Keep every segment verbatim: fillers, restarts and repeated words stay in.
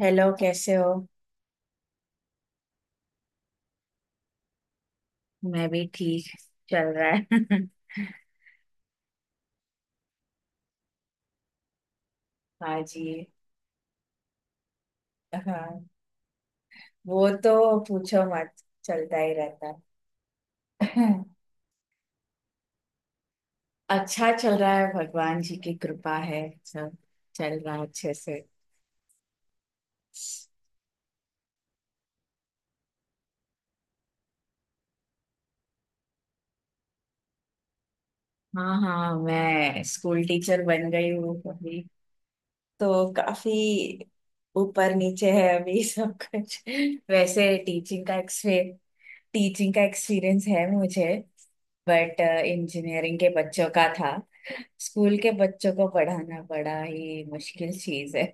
Hello, कैसे हो। मैं भी ठीक, चल रहा है। हाँ जी। हाँ, वो तो पूछो मत, चलता ही रहता है। अच्छा चल रहा है, भगवान जी की कृपा है। सब चल रहा है अच्छे से। हाँ हाँ, मैं स्कूल टीचर बन गई हूँ अभी। तो काफी ऊपर नीचे है अभी सब कुछ। वैसे टीचिंग का एक्सपे टीचिंग का एक्सपीरियंस है मुझे। बट इंजीनियरिंग के बच्चों का था। स्कूल के बच्चों को पढ़ाना बड़ा ही मुश्किल चीज है।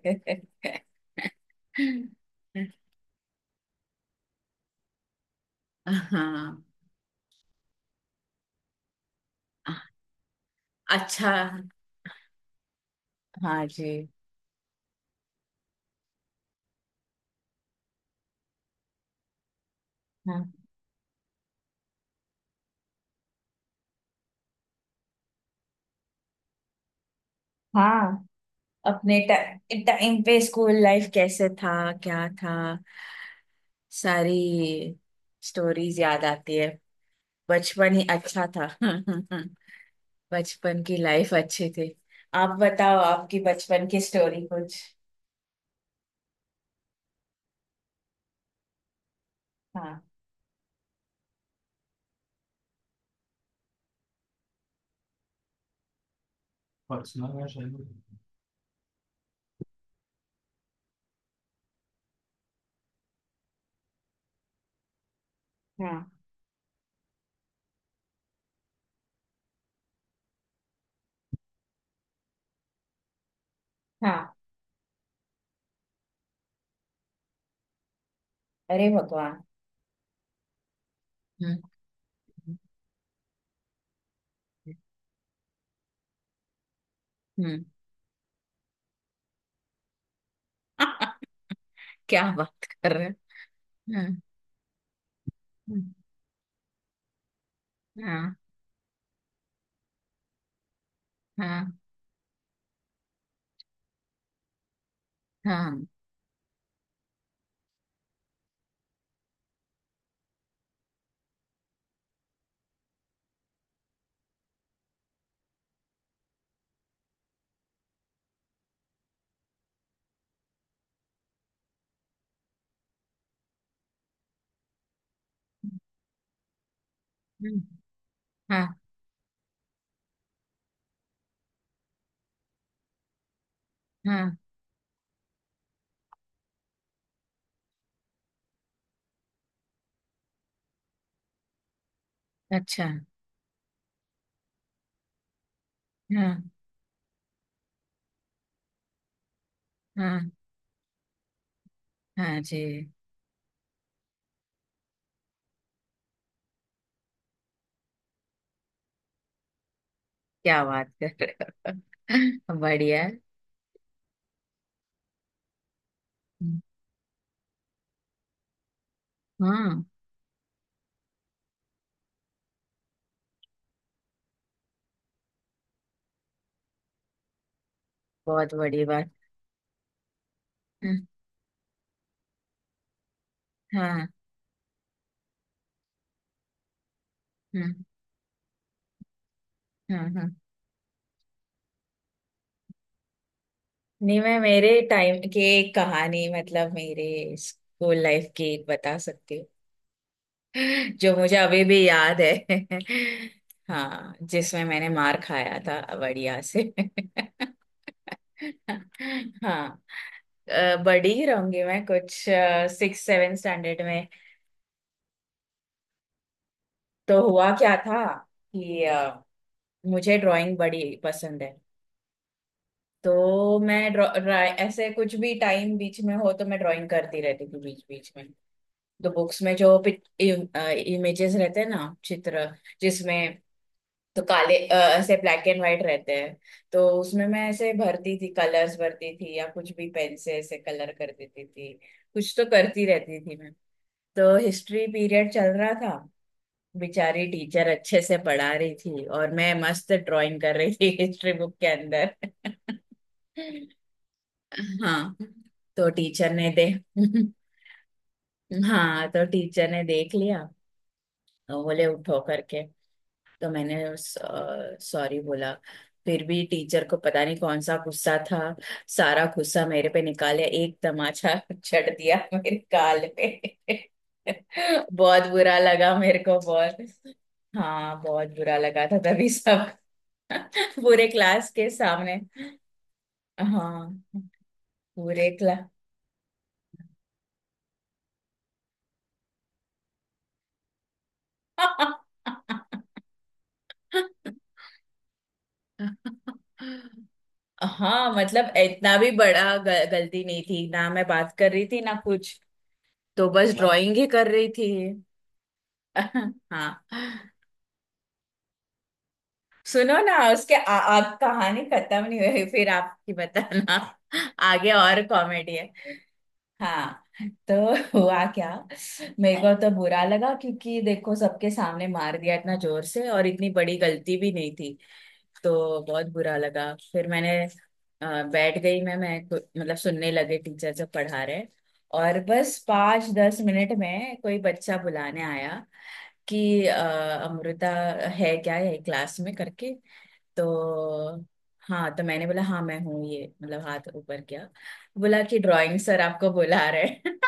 हाँ। अच्छा। हाँ जी। हाँ हाँ, अपने टाइम पे स्कूल लाइफ कैसे था, क्या था, सारी स्टोरीज याद आती है। बचपन ही अच्छा था। बचपन की लाइफ अच्छी थी। आप बताओ, आपकी बचपन की स्टोरी कुछ। हाँ। हाँ। हाँ, अरे भगवान। हम्म हम्म हम्म। क्या बात कर रहे हैं, हाँ हाँ। हाँ। हाँ। हाँ। हाँ। हाँ, हाँ, अच्छा। हाँ। हाँ। हाँ जी। क्या बात कर रहे हो। बढ़िया है। हाँ, बहुत बड़ी बात। हाँ। हाँ। हाँ। हाँ। हाँ। नहीं, मैं मेरे टाइम की एक कहानी, मतलब मेरे स्कूल लाइफ की एक बता सकती हूँ, जो मुझे अभी भी याद है। हाँ, जिसमें मैंने मार खाया था बढ़िया से। हाँ। अ, बड़ी ही रहूंगी मैं कुछ सिक्स सेवन स्टैंडर्ड में। तो हुआ क्या था कि अ, मुझे ड्राइंग बड़ी पसंद है। तो मैं draw- dra- ऐसे कुछ भी टाइम बीच में हो तो मैं ड्राइंग करती रहती थी बीच बीच में। तो बुक्स में जो इमेजेस रहते हैं ना, चित्र, जिसमें, तो काले अ, ऐसे ब्लैक एंड व्हाइट रहते हैं। तो उसमें मैं ऐसे भरती थी, कलर्स भरती थी, या कुछ भी पेन से ऐसे कलर कर देती थी। कुछ तो करती रहती थी मैं। तो हिस्ट्री पीरियड चल रहा था। बेचारी टीचर अच्छे से पढ़ा रही थी, और मैं मस्त ड्राइंग कर रही थी हिस्ट्री बुक के अंदर। हाँ। तो टीचर ने दे हाँ, तो टीचर ने देख लिया, और बोले उठो करके। तो मैंने सॉरी बोला। फिर भी टीचर को पता नहीं कौन सा गुस्सा था, सारा गुस्सा मेरे पे निकाला, एक तमाचा चढ़ दिया मेरे गाल पे। बहुत बुरा लगा मेरे को, बहुत। हाँ, बहुत बुरा लगा था तभी सब। पूरे क्लास के सामने। हाँ, पूरे क्लास। हाँ, मतलब इतना भी बड़ा ग- गलती नहीं थी ना, मैं बात कर रही थी ना कुछ। तो बस वाह, ड्राइंग ही कर रही थी। हाँ। सुनो ना, उसके आ, आप, कहानी खत्म नहीं हुई, फिर आपकी बताना। आगे और कॉमेडी है। हाँ, तो हुआ क्या, मेरे को तो बुरा लगा क्योंकि देखो सबके सामने मार दिया इतना जोर से, और इतनी बड़ी गलती भी नहीं थी। तो बहुत बुरा लगा, फिर मैंने अ, बैठ गई। मैं मैं कु- मतलब सुनने लगे टीचर जब पढ़ा रहे। और बस पाँच दस मिनट में कोई बच्चा बुलाने आया कि अ, अमृता है क्या, है क्लास में करके। तो हाँ, तो मैंने बोला हाँ मैं हूँ, ये मतलब हाथ ऊपर किया। बोला कि ड्राइंग सर आपको बुला रहे हैं।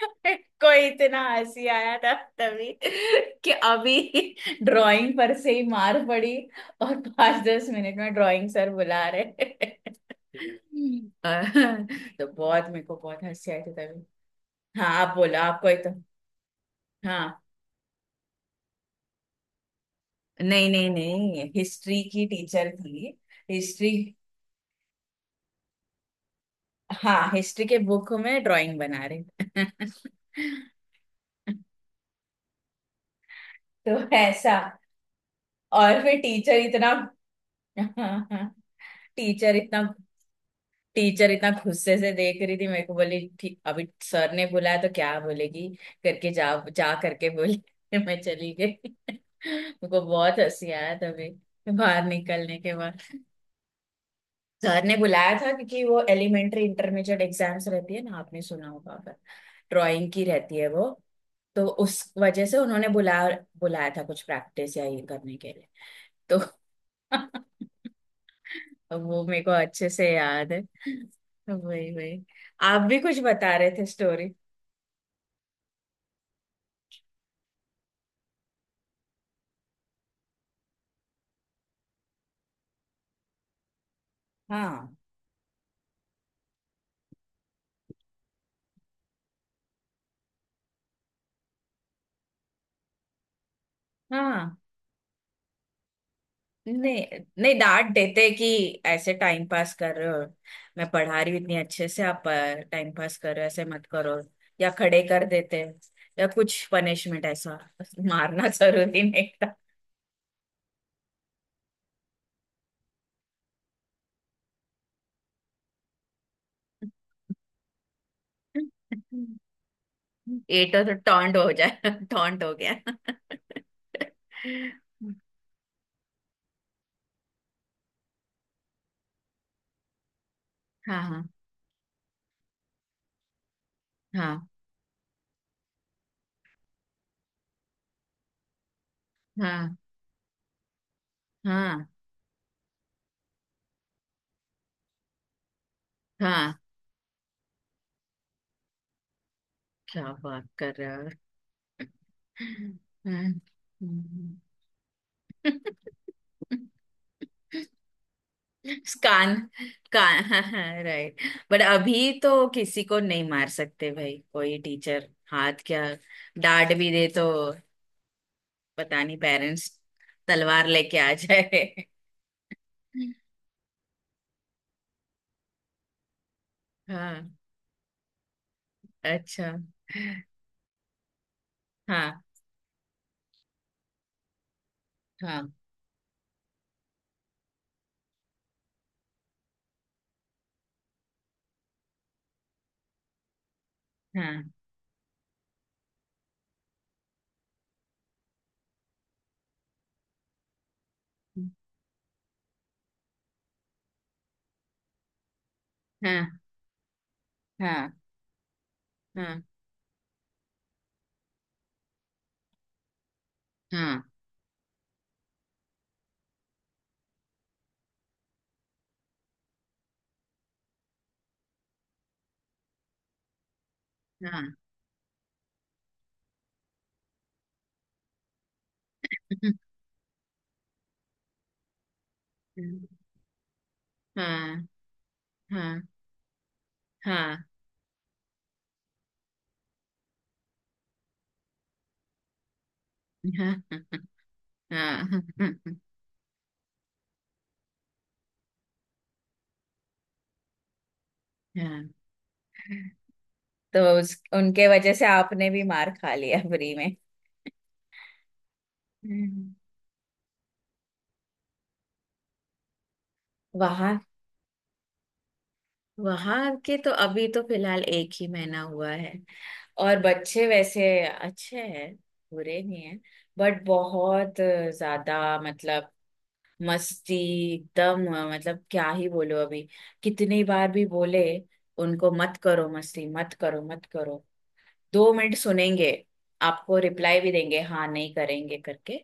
कोई इतना हंसी आया था तभी, कि अभी ड्राइंग पर से ही मार पड़ी, और पांच दस मिनट में ड्राइंग सर बुला रहे। तो बहुत, मेरे को बहुत हंसी आई थी तभी। हाँ आप बोलो, आप कोई तो। हाँ, नहीं नहीं नहीं, हिस्ट्री की टीचर थी। हिस्ट्री, हाँ, हिस्ट्री के बुक में ड्राइंग बना रहे। तो ऐसा। और फिर टीचर इतना टीचर इतना, टीचर इतना गुस्से से देख रही थी मेरे को, बोली ठीक अभी सर ने बुलाया तो क्या बोलेगी करके, जा जा करके बोली। मैं चली गई। मुझको बहुत हंसी आया तभी बाहर निकलने के बाद। सर ने बुलाया था क्योंकि वो एलिमेंट्री इंटरमीडिएट एग्जाम्स रहती है ना, आपने सुना होगा अगर, ड्राइंग की रहती है वो। तो उस वजह से उन्होंने बुला बुलाया था कुछ प्रैक्टिस या ये करने के लिए। तो अब वो मेरे को अच्छे से याद है। वही वही, आप भी कुछ बता रहे थे स्टोरी। हाँ हाँ, नहीं नहीं, डांट देते कि ऐसे टाइम पास कर रहे हो, मैं पढ़ा रही हूँ इतनी अच्छे से, आप टाइम पास कर रहे हो, ऐसे मत करो। या खड़े कर देते, या कुछ पनिशमेंट ऐसा। मारना जरूरी नहीं था। ये तो तो टॉन्ट हो जाए, टॉन्ट हो गया। हाँ। हाँ। हाँ। हाँ। हाँ। हाँ, क्या बात कर रहा है। कान कान, हाँ हाँ, राइट। बट अभी तो किसी को नहीं मार सकते भाई, कोई टीचर हाथ क्या डांट भी दे तो पता नहीं पेरेंट्स तलवार लेके आ जाए। हाँ, अच्छा। हाँ। हाँ। हाँ। हाँ। हाँ। हाँ। हाँ। हाँ। हाँ। हाँ। हाँ। हाँ। हाँ। हाँ। हाँ। हाँ। तो उस, उनके वजह से आपने भी मार खा लिया फ्री में। हम्म। वहां, वहां के तो अभी तो फिलहाल एक ही महीना हुआ है, और बच्चे वैसे अच्छे हैं, बुरे नहीं हैं। बट बहुत ज्यादा, मतलब, मस्ती एकदम, मतलब क्या ही बोलो अभी। कितनी बार भी बोले उनको मत करो, मस्ती मत करो, मत करो, दो मिनट सुनेंगे, आपको रिप्लाई भी देंगे हाँ नहीं करेंगे करके,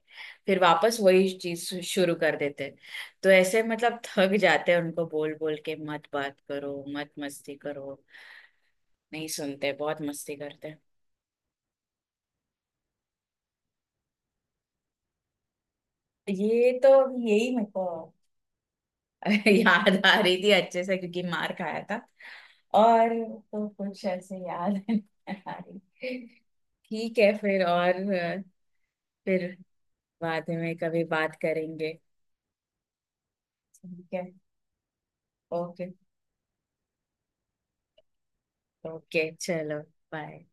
फिर वापस वही चीज शुरू कर देते हैं। तो ऐसे मतलब थक जाते हैं उनको बोल बोल के, मत बात करो, मत मस्ती करो। नहीं सुनते, बहुत मस्ती करते हैं। ये तो, यही मेरे को याद आ रही थी अच्छे से क्योंकि मार खाया था। और तो कुछ ऐसे याद नहीं आ रही। ठीक है, फिर और अ, फिर बाद में कभी बात करेंगे। ठीक है। ओके। ओके चलो, बाय।